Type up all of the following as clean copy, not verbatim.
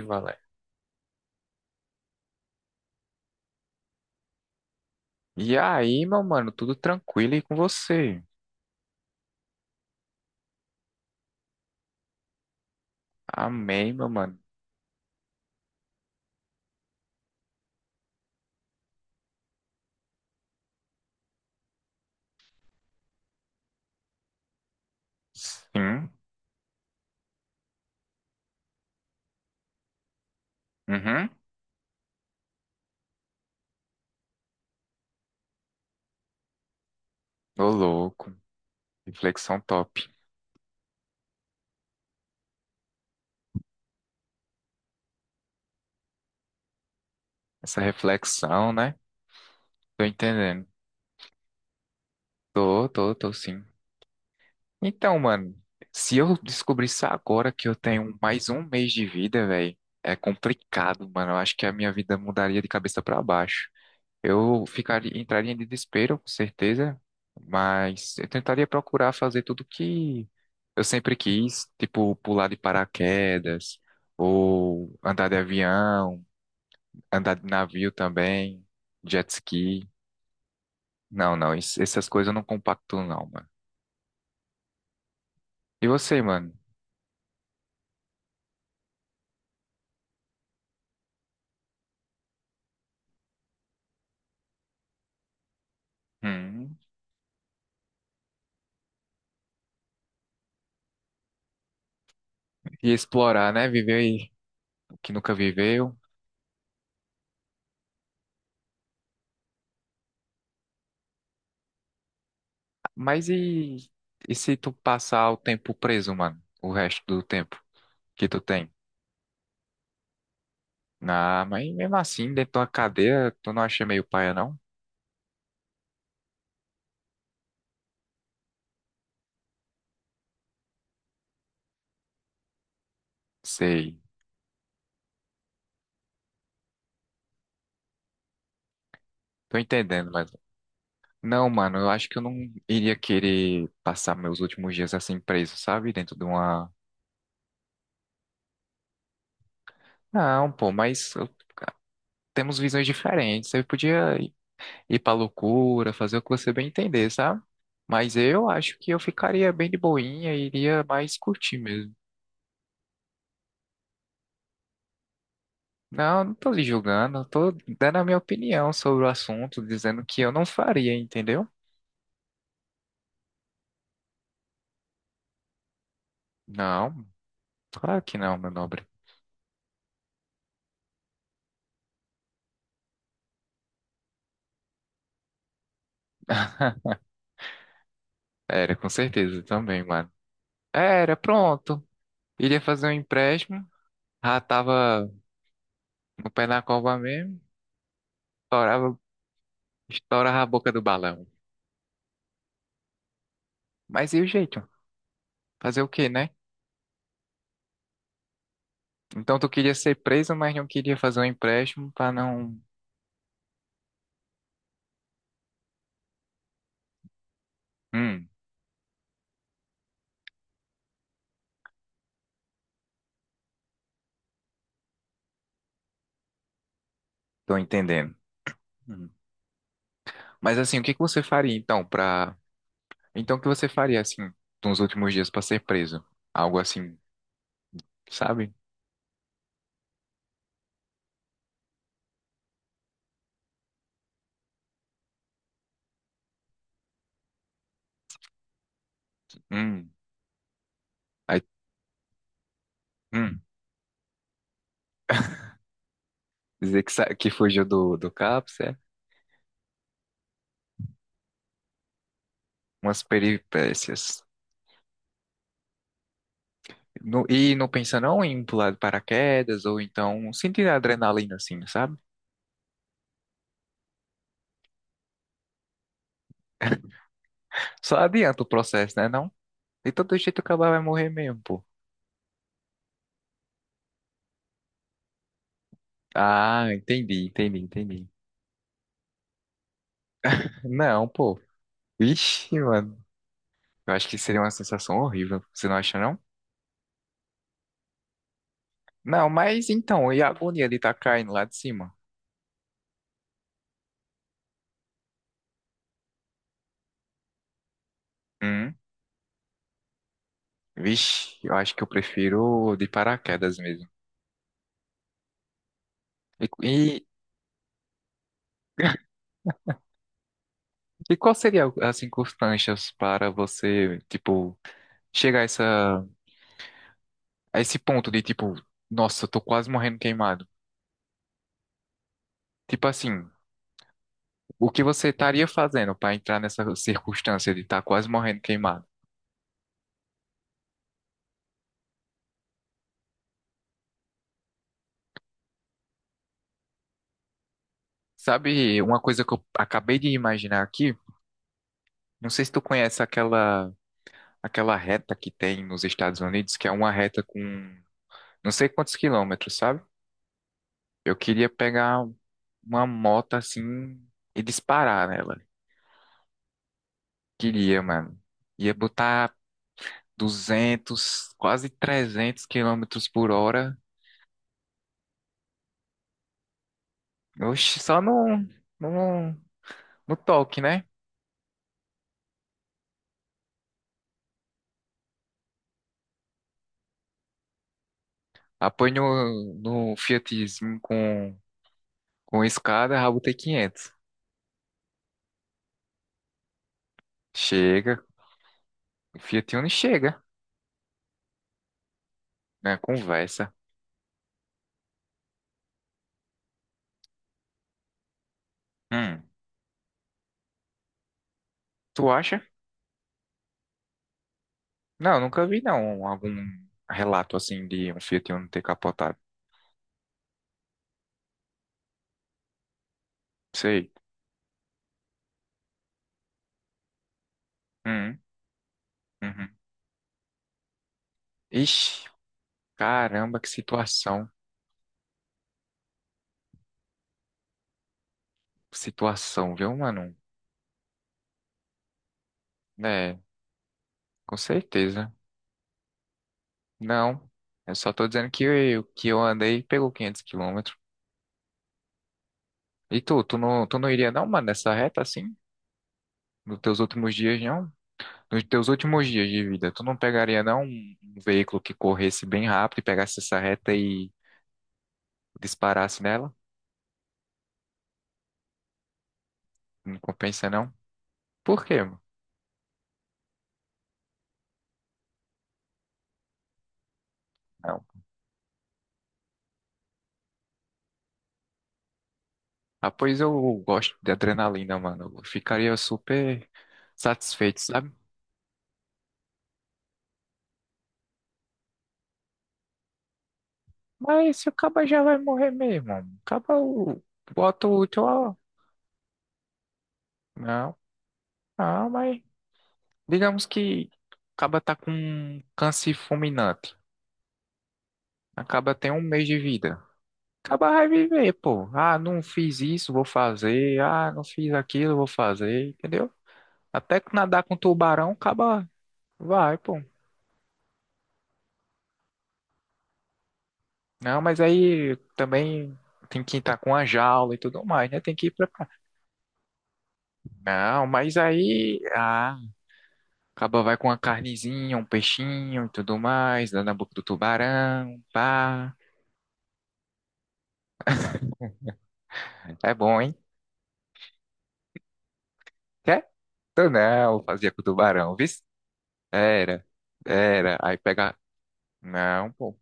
E Valé. E aí, meu mano, tudo tranquilo aí com você? Amém, meu mano. Sim. Uhum. Ô, louco. Reflexão top. Essa reflexão, né? Tô entendendo. Tô, tô, tô sim. Então, mano, se eu descobrisse agora que eu tenho mais um mês de vida, velho, é complicado, mano. Eu acho que a minha vida mudaria de cabeça pra baixo. Eu ficaria, entraria em desespero, com certeza, mas eu tentaria procurar fazer tudo que eu sempre quis, tipo pular de paraquedas, ou andar de avião, andar de navio também, jet ski. Não, não, essas coisas eu não compacto não, mano. E você, mano? Hum, e explorar, né? Viver aí o que nunca viveu. Mas e se tu passar o tempo preso, mano? O resto do tempo que tu tem? Ah, mas mesmo assim, dentro da cadeia, tu não acha meio paia, não? Sei. Tô entendendo, mas. Não, mano, eu acho que eu não iria querer passar meus últimos dias assim preso, sabe? Dentro de uma. Não, pô, temos visões diferentes. Você podia ir pra loucura, fazer o que você bem entender, sabe? Mas eu acho que eu ficaria bem de boinha e iria mais curtir mesmo. Não, não tô lhe julgando, eu tô dando a minha opinião sobre o assunto, dizendo que eu não faria, entendeu? Não. Claro que não, meu nobre. Era, com certeza também, mano. Era, pronto. Iria fazer um empréstimo, já tava no pé na cova mesmo, estourava, estourava a boca do balão. Mas e o jeito? Fazer o quê, né? Então tu queria ser preso, mas não queria fazer um empréstimo pra não. Hum, tô entendendo. Hum. Mas assim, o que que você faria então pra. Então o que você faria assim nos últimos dias pra ser preso? Algo assim, sabe? Hum. Aí, hum. Dizer que, que fugiu do CAPS, é? Umas peripécias. E não pensa não em pular de paraquedas ou então sentir a adrenalina assim, sabe? Só adianta o processo, né, não? De todo jeito o cara vai morrer mesmo, pô. Ah, entendi, entendi, entendi. Não, pô. Ixi, mano. Eu acho que seria uma sensação horrível. Você não acha, não? Não, mas então, e a agonia de estar caindo lá de cima? Hum? Vixe, eu acho que eu prefiro de paraquedas mesmo. E, e, e qual seria, as circunstâncias para você, tipo... chega a, essa, a esse ponto de tipo, nossa, eu tô quase morrendo queimado. Tipo assim, o que você estaria fazendo para entrar nessa circunstância de estar quase morrendo queimado? Sabe uma coisa que eu acabei de imaginar aqui? Não sei se tu conhece aquela reta que tem nos Estados Unidos, que é uma reta com não sei quantos quilômetros, sabe? Eu queria pegar uma moto assim e disparar nela. Queria, mano. Ia botar 200 quase 300 quilômetros por hora. Oxe, só no, no toque, né? Apoio no Fiatzinho com escada, rabotei 500. Chega, o Fiat Uno chega, né? Conversa. Hum, tu acha? Não, nunca vi não algum relato assim de um Fiat Uno ter capotado. Sei. Hum, uhum. Ixi, caramba, que situação. Situação, viu, mano? É, com certeza. Não, eu só tô dizendo que que eu andei e pegou 500 quilômetros. E tu não iria não, mano, nessa reta assim? Nos teus últimos dias, não? Nos teus últimos dias de vida, tu não pegaria não um veículo que corresse bem rápido e pegasse essa reta e disparasse nela? Não compensa não? Por quê, mano? Não. Ah, pois eu gosto de adrenalina, mano. Eu ficaria super satisfeito, sabe? Mas se o caba já vai morrer mesmo, mano. O caba bota o útil, ó. Não. Ah, mas digamos que acaba tá com um câncer fulminante. Acaba tem um mês de vida. Acaba vai viver, pô. Ah, não fiz isso, vou fazer. Ah, não fiz aquilo, vou fazer. Entendeu? Até que nadar com tubarão, acaba vai, pô. Não, mas aí também tem que estar com a jaula e tudo mais, né? Tem que ir preparar. Não, mas aí. Ah, acaba vai com uma carnezinha, um peixinho e tudo mais, dando na boca do tubarão. Pá. É bom, hein? Quer? Eu não, fazia com o tubarão, viu? Era, era. Aí pega. Não, pô.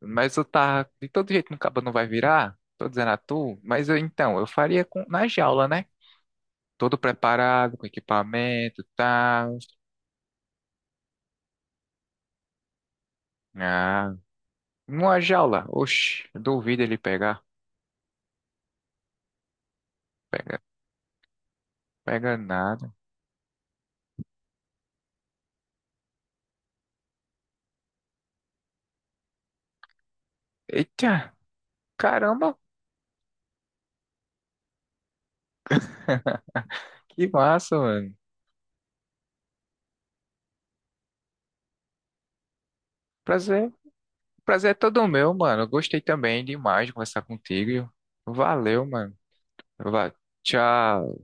Mas eu tá. De todo jeito, no cabo não vai virar. Tô dizendo a tu. Mas eu, então, eu faria com... na jaula, né? Todo preparado, com equipamento e tal. Ah, numa jaula. Oxi, duvido ele pegar. Pega, pega nada. Eita, caramba, que massa, mano. Prazer. Prazer é todo meu, mano. Eu gostei também demais de conversar contigo. Valeu, mano. Vai. Tchau.